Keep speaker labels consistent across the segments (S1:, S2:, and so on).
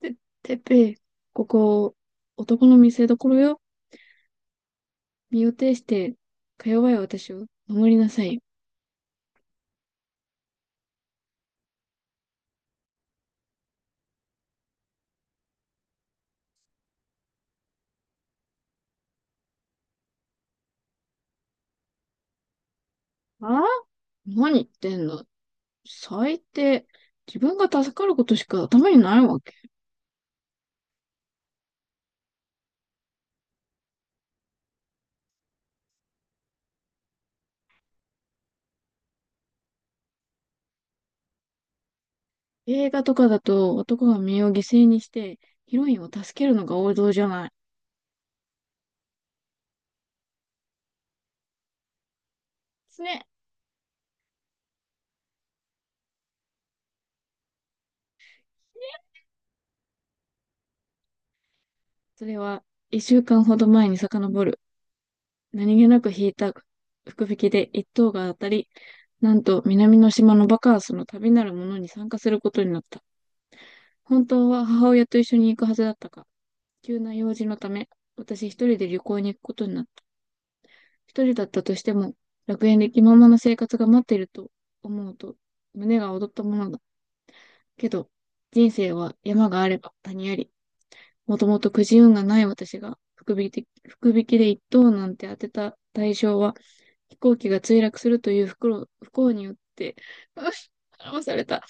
S1: て、てっぺい、ここ、男の見せ所よ。身を挺して、か弱い私を守りなさい。ああ、何言ってんの。最低。自分が助かることしか頭にないわけ。映画とかだと男が身を犠牲にしてヒロインを助けるのが王道じゃない。すね。それは一週間ほど前に遡る。何気なく引いた福引きで一等が当たり、なんと南の島のバカンスの旅なるものに参加することになった。本当は母親と一緒に行くはずだったが、急な用事のため、私一人で旅行に行くことになった。一人だったとしても、楽園で気ままな生活が待っていると思うと、胸が躍ったものだ。けど、人生は山があれば谷あり、もともとくじ運がない私が、福引きで一等なんて当てた対象は、飛行機が墜落するという不幸によって、うん、騙された。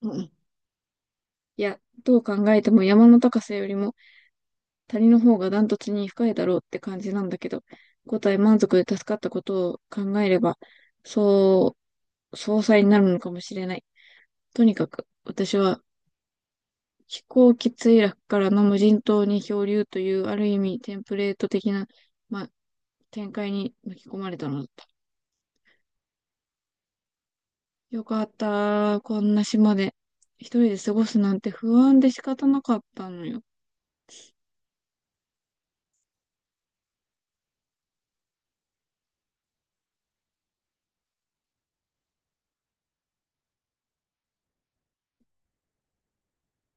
S1: うん。いや、どう考えても山の高さよりも、谷の方がダントツに深いだろうって感じなんだけど、五体満足で助かったことを考えれば、そう、総裁になるのかもしれない。とにかく、私は飛行機墜落からの無人島に漂流というある意味テンプレート的な、まあ、展開に巻き込まれたのだった。よかった。こんな島で一人で過ごすなんて不安で仕方なかったのよ。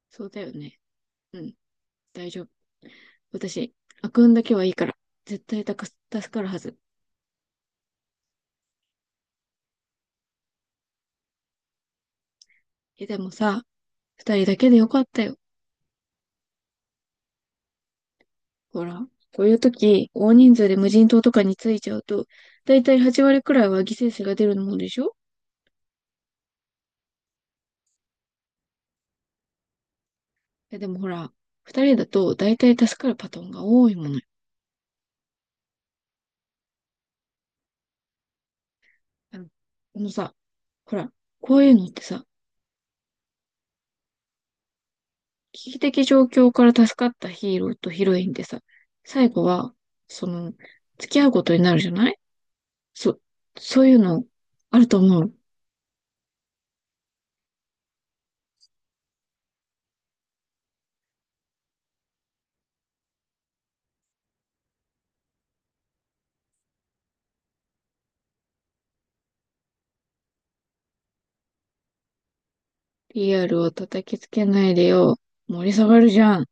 S1: そうだよね。うん、大丈夫。私、悪運だけはいいから、絶対助かるはず。え、でもさ、二人だけでよかったよ。ほら、こういう時、大人数で無人島とかに着いちゃうと、だいたい8割くらいは犠牲者が出るもんでしょ。え、でもほら、二人だとだいたい助かるパターンが多いものよ。あの、このさ、ほら、こういうのってさ、危機的状況から助かったヒーローとヒロインでさ、最後は、その、付き合うことになるじゃない。そ、そういうの、あると思う。PR を叩きつけないでよ。盛り下がるじゃん。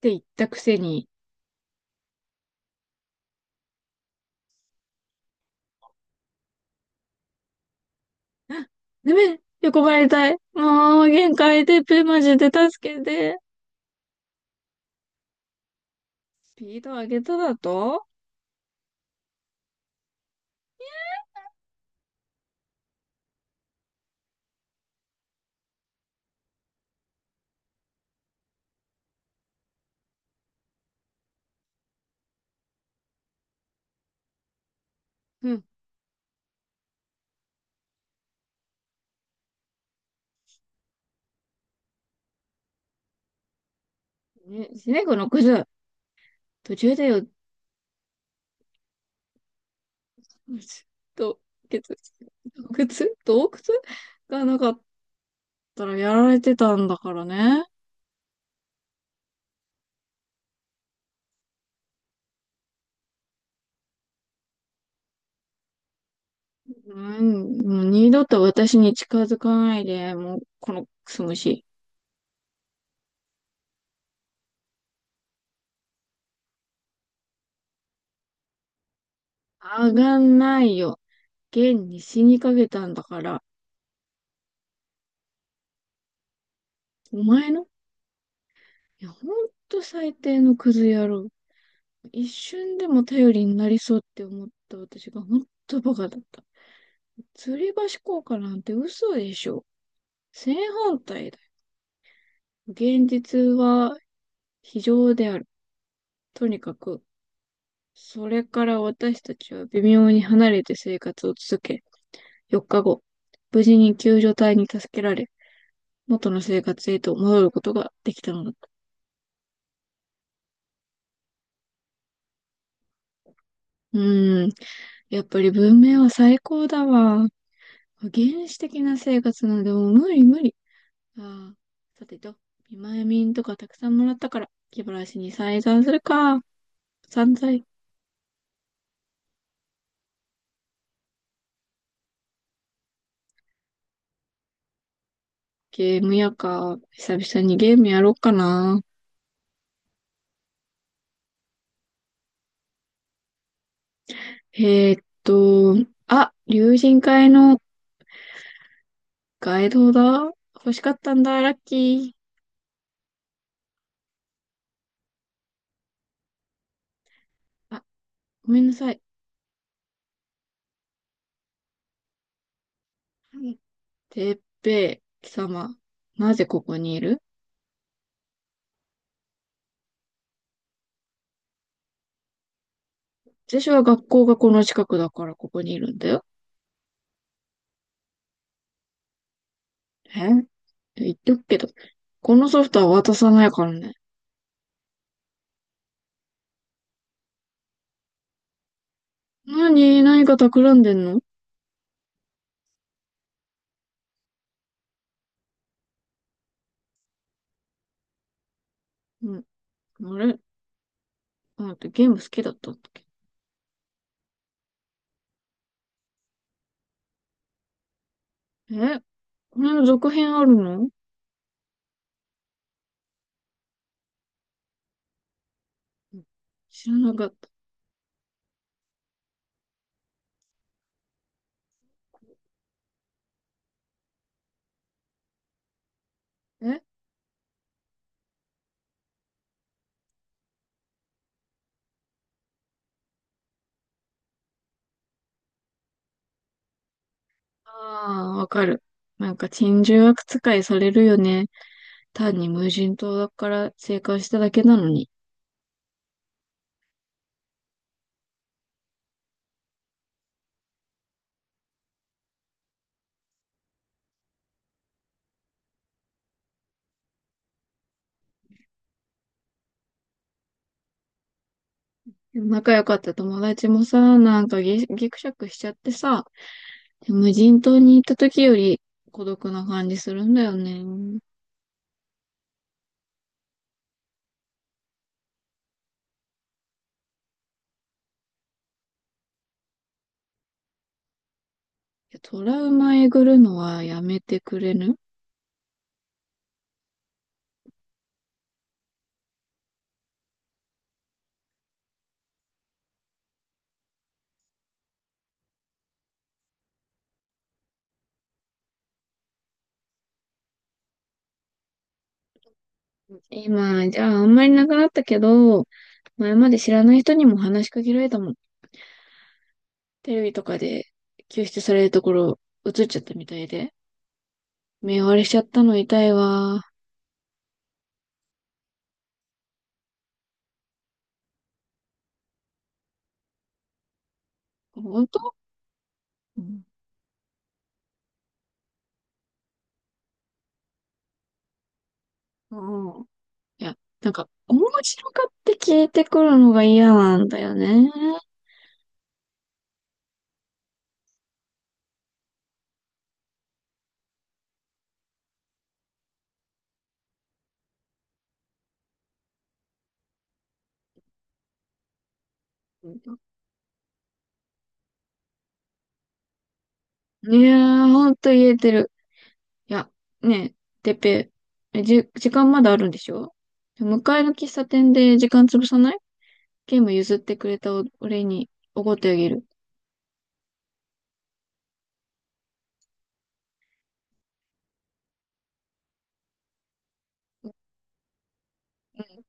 S1: て言ったくせに、あ、ダメ、横ばいたい。もう、限界テープマジで助けて。スピード上げただと。うん。ね、シネコの靴、途中でよ、と、靴、靴、洞窟がなかったらやられてたんだからね。うん、もう二度と私に近づかないで、もう、このクソ虫。上がんないよ。現に死にかけたんだから。お前の。いや、ほんと最低のクズ野郎。一瞬でも頼りになりそうって思った私が本当バカだった。吊り橋効果なんて嘘でしょ。正反対だよ。現実は非常である。とにかく、それから私たちは微妙に離れて生活を続け、4日後、無事に救助隊に助けられ、元の生活へと戻ることができたのだった。うーん、やっぱり文明は最高だわ。原始的な生活なんでもう無理無理。ああ、さてと、見舞い民とかたくさんもらったから、気晴らしに再三するか。散財。ゲームやか。久々にゲームやろうかな。えーっと、あ、竜神会のガイドだ。欲しかったんだ、ラッキー。あ、ごめんなさい。てっぺい、貴様。なぜここにいる。私は学校がこの近くだからここにいるんだよ。え、言っとくけど、このソフトは渡さないからね。何か企んでんの。うん。あれ。あ、待って、ゲーム好きだったっけ。え、これの続編あるの。うん、知らなかった。え、ああー、わかる。なんか珍獣悪使いされるよね。単に無人島だから生還しただけなのに。でも仲良かった友達もさ、なんかぎくしゃくしちゃってさ、無人島に行った時より孤独な感じするんだよね。いや、トラウマえぐるのはやめてくれぬ。今、じゃああんまりなくなったけど、前まで知らない人にも話しかけられたもん。テレビとかで救出されるところ映っちゃったみたいで。目割れしちゃったの痛いわ。本当。うん。うん。いや、なんか、面白かって聞いてくるのが嫌なんだよね。いやー、ほんと言えてる。いや、ねえ、てっぺ、えじ、時間まだあるんでしょ。向かいの喫茶店で時間潰さない。ゲーム譲ってくれた俺におごってあげる。う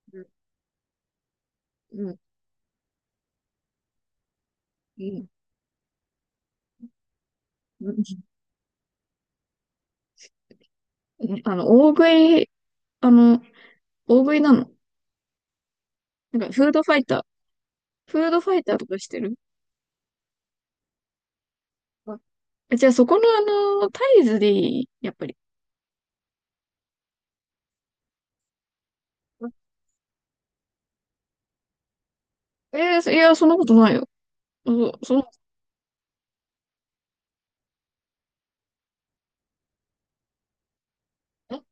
S1: ん、うん、うん、うん。うん。大食い、あの、大食いなの。なんか、フードファイター。フードファイターとかしてる。あ、じゃあ、そこのタイズでいいやっぱり。えーいや、そんなことないよ。そ、その、い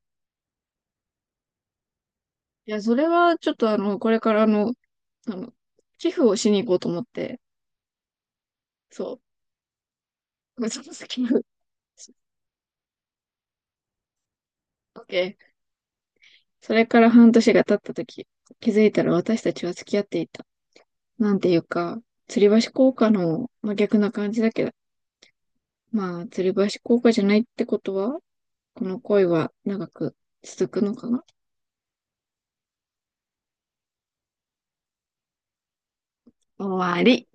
S1: いや、それは、ちょっとこれからあの、寄付をしに行こうと思って、そう。その先の、オッケー。それから半年が経った時、気づいたら私たちは付き合っていた。なんていうか、吊り橋効果の真逆な感じだけど、まあ、吊り橋効果じゃないってことは、この恋は長く続くのかな。終わり。